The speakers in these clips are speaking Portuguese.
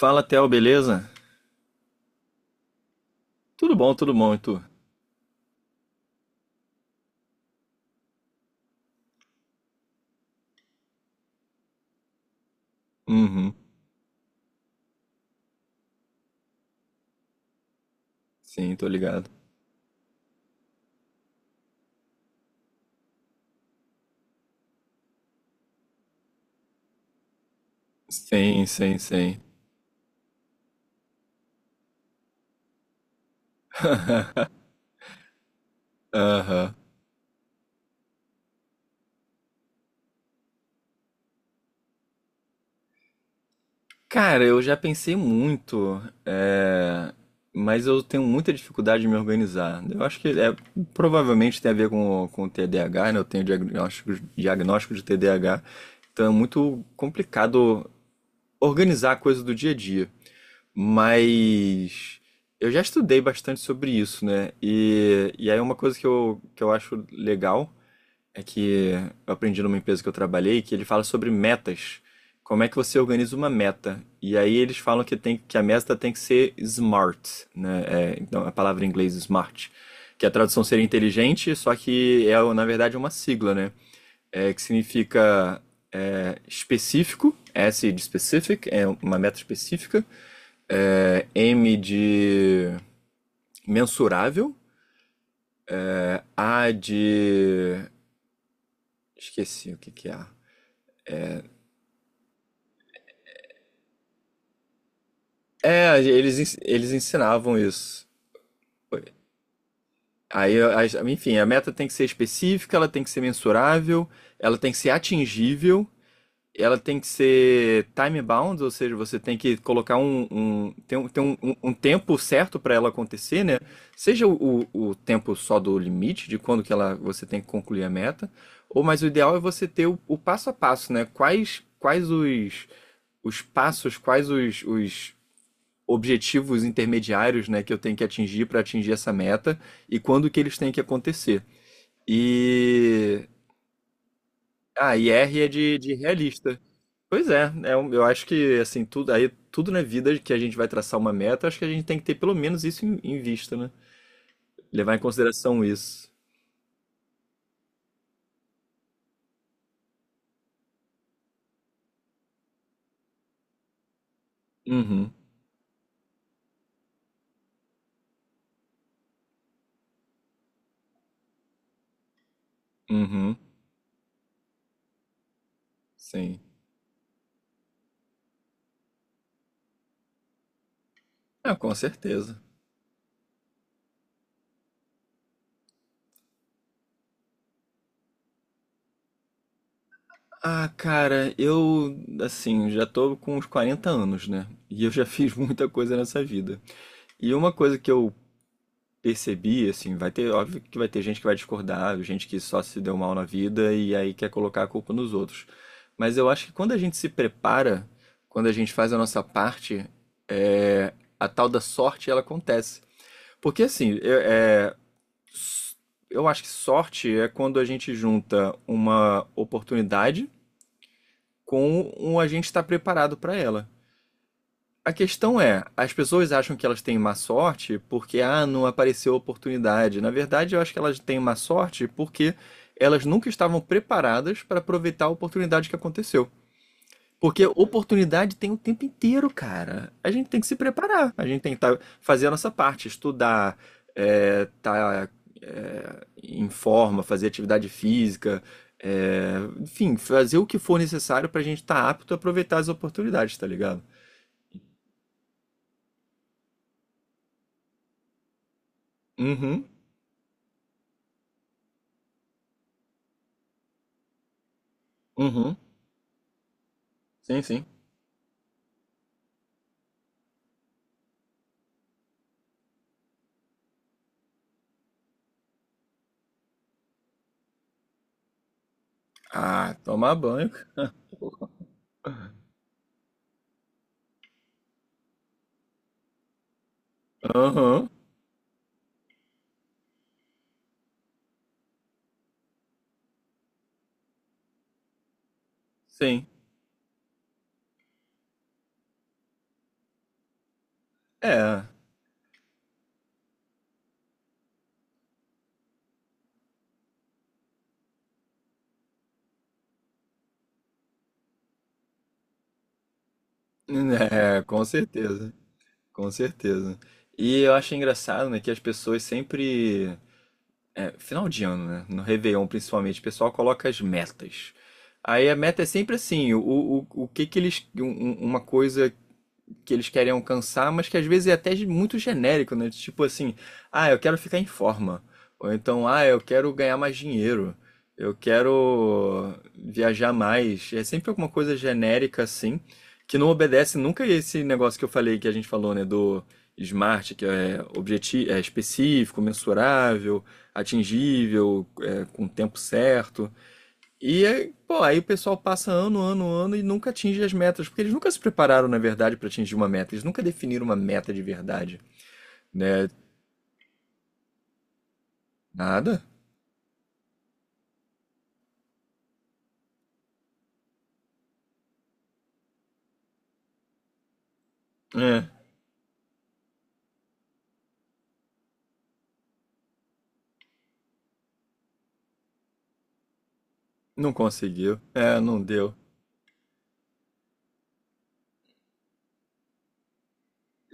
Fala, Theo, beleza? Tudo bom, e tu? Uhum. Sim, tô ligado. Sim, sim, sim. Aham. Cara, eu já pensei muito, é, mas eu tenho muita dificuldade de me organizar. Eu acho que provavelmente tem a ver com o TDAH, né? Eu tenho diagnóstico de TDAH, então é muito complicado organizar a coisa do dia a dia. Mas eu já estudei bastante sobre isso, né? E aí uma coisa que eu acho legal é que eu aprendi numa empresa que eu trabalhei que ele fala sobre metas. Como é que você organiza uma meta? E aí eles falam que a meta tem que ser smart, né? Então a palavra em inglês smart, que a tradução seria inteligente, só que na verdade é uma sigla, né? Que significa específico, S de specific, é uma meta específica, M de mensurável, A de. Esqueci o que que é. Eles ensinavam isso. Aí, enfim, a meta tem que ser específica, ela tem que ser mensurável, ela tem que ser atingível. Ela tem que ser time bound, ou seja, você tem que colocar um, um, tem um, tem um, um um tempo certo para ela acontecer, né? Seja o tempo só do limite, de quando que você tem que concluir a meta, ou mas o ideal é você ter o passo a passo, né? Quais os passos, quais os objetivos intermediários, né, que eu tenho que atingir para atingir essa meta e quando que eles têm que acontecer. E. Ah, e R é de realista. Pois é, eu acho que assim, tudo na vida que a gente vai traçar uma meta, acho que a gente tem que ter pelo menos isso em vista, né? Levar em consideração isso. Uhum, uhum, sim. Ah, com certeza. Ah, cara, eu assim, já tô com uns 40 anos, né? E eu já fiz muita coisa nessa vida. E uma coisa que eu percebi, assim, vai ter, óbvio que vai ter gente que vai discordar, gente que só se deu mal na vida e aí quer colocar a culpa nos outros. Mas eu acho que quando a gente se prepara, quando a gente faz a nossa parte, é, a tal da sorte ela acontece. Porque assim, eu acho que sorte é quando a gente junta uma oportunidade com um a gente estar preparado para ela. A questão é, as pessoas acham que elas têm má sorte porque, ah, não apareceu oportunidade. Na verdade, eu acho que elas têm má sorte porque elas nunca estavam preparadas para aproveitar a oportunidade que aconteceu. Porque oportunidade tem o tempo inteiro, cara. A gente tem que se preparar, a gente tem que tá, fazer a nossa parte, estudar, tá em forma, fazer atividade física, é, enfim, fazer o que for necessário para a gente estar apto a aproveitar as oportunidades, tá ligado? Uhum, uhum. Sim, sim. Ah, tomar banho. Aham, sim. É, é, com certeza, com certeza. E eu acho engraçado, né, que as pessoas sempre, final de ano, né, no Réveillon principalmente, o pessoal coloca as metas. Aí a meta é sempre assim, o que que eles, um- um- uma coisa que eles querem alcançar, mas que às vezes é até muito genérico, né? Tipo assim, ah, eu quero ficar em forma. Ou então, ah, eu quero ganhar mais dinheiro. Eu quero viajar mais. É sempre alguma coisa genérica assim, que não obedece nunca esse negócio que eu falei, que a gente falou, né, do SMART, que é objetivo, é específico, mensurável, atingível, com o tempo certo. E aí, pô, aí o pessoal passa ano, ano, ano e nunca atinge as metas, porque eles nunca se prepararam, na verdade, para atingir uma meta. Eles nunca definiram uma meta de verdade, né? Nada? É, não conseguiu. É, não deu.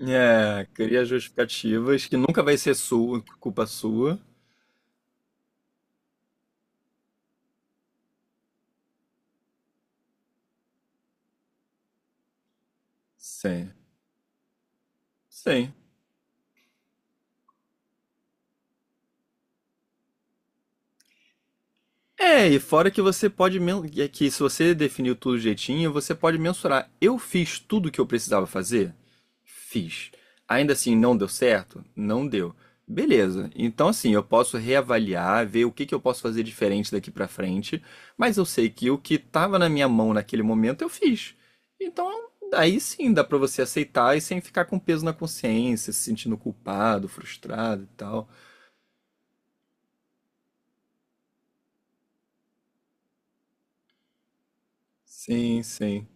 É, cria justificativas que nunca vai ser sua, culpa sua. Sim. Sim. E fora que é que se você definiu tudo jeitinho, você pode mensurar. Eu fiz tudo o que eu precisava fazer? Fiz. Ainda assim, não deu certo? Não deu. Beleza. Então, assim, eu posso reavaliar, ver o que que eu posso fazer diferente daqui pra frente, mas eu sei que o que estava na minha mão naquele momento eu fiz. Então, aí sim dá pra você aceitar e sem ficar com peso na consciência, se sentindo culpado, frustrado e tal. Sim, sim.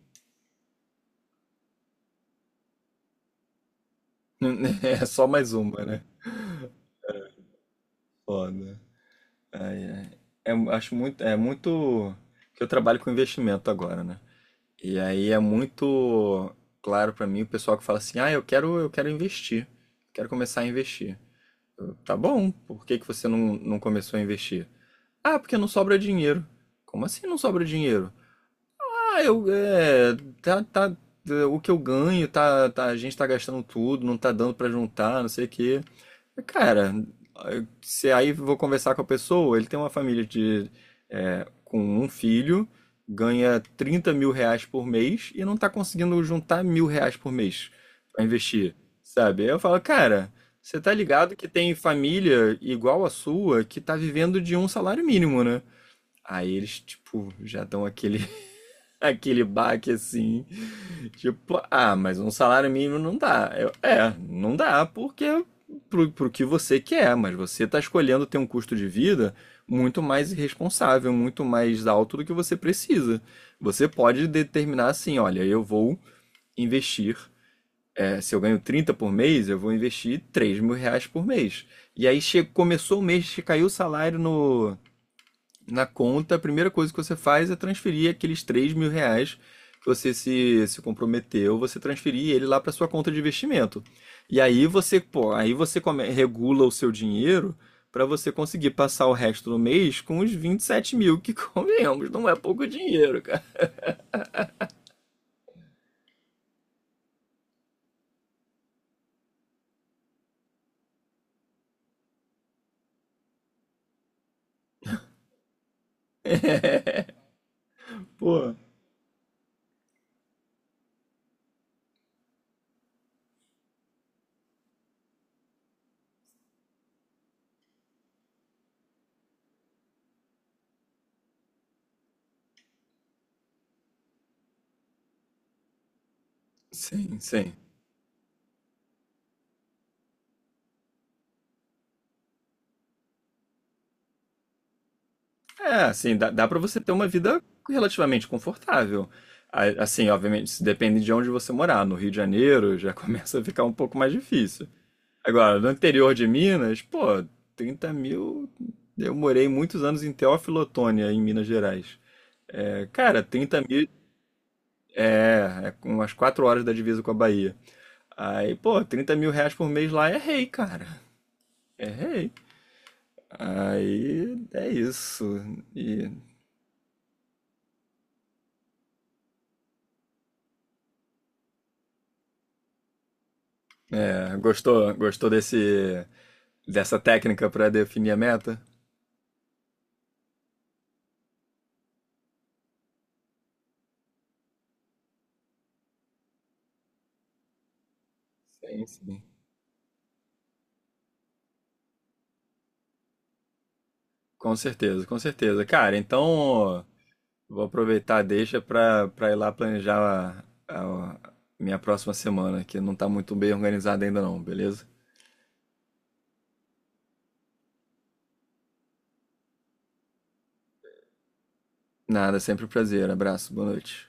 É só mais uma, né? Foda. Ai, ai. É muito que eu trabalho com investimento agora, né? E aí é muito claro pra mim o pessoal que fala assim: "Ah, eu quero investir. Quero começar a investir". Eu, tá bom. Por que que você não, não começou a investir? Ah, porque não sobra dinheiro. Como assim não sobra dinheiro? Ah, eu é, tá, tá, o que eu ganho tá, tá- a gente tá gastando tudo, não tá dando pra juntar, não sei o quê. Cara, se aí vou conversar com a pessoa, ele tem uma família com um filho, ganha 30.000 reais por mês e não tá conseguindo juntar mil reais por mês pra investir, sabe? Aí eu falo, cara, você tá ligado que tem família igual a sua que tá vivendo de um salário mínimo, né? Aí eles, tipo, já dão aquele baque assim, tipo, ah, mas um salário mínimo não dá. Eu, não dá porque pro que você quer, mas você está escolhendo ter um custo de vida muito mais irresponsável, muito mais alto do que você precisa. Você pode determinar assim, olha, eu vou investir, se eu ganho 30 por mês, eu vou investir 3.000 reais por mês. E aí começou o mês que caiu o salário no, na conta, a primeira coisa que você faz é transferir aqueles 3.000 reais que você se comprometeu, você transferir ele lá para sua conta de investimento. E aí você, pô, aí você regula o seu dinheiro para você conseguir passar o resto do mês com os 27.000, que convenhamos, não é pouco dinheiro, cara. Pô, sim, sim. É, assim, dá para você ter uma vida relativamente confortável. Assim, obviamente, isso depende de onde você morar. No Rio de Janeiro já começa a ficar um pouco mais difícil. Agora, no interior de Minas, pô, 30.000. Eu morei muitos anos em Teófilo Otoni em Minas Gerais. É, cara, 30.000. É umas 4 horas da divisa com a Bahia. Aí, pô, 30.000 reais por mês lá é rei, cara. É rei. Aí é isso. E, gostou dessa técnica para definir a meta? Sim, sim. Com certeza, com certeza. Cara, então vou aproveitar deixa para ir lá planejar a minha próxima semana, que não tá muito bem organizada ainda não, beleza? Nada, sempre um prazer. Abraço, boa noite.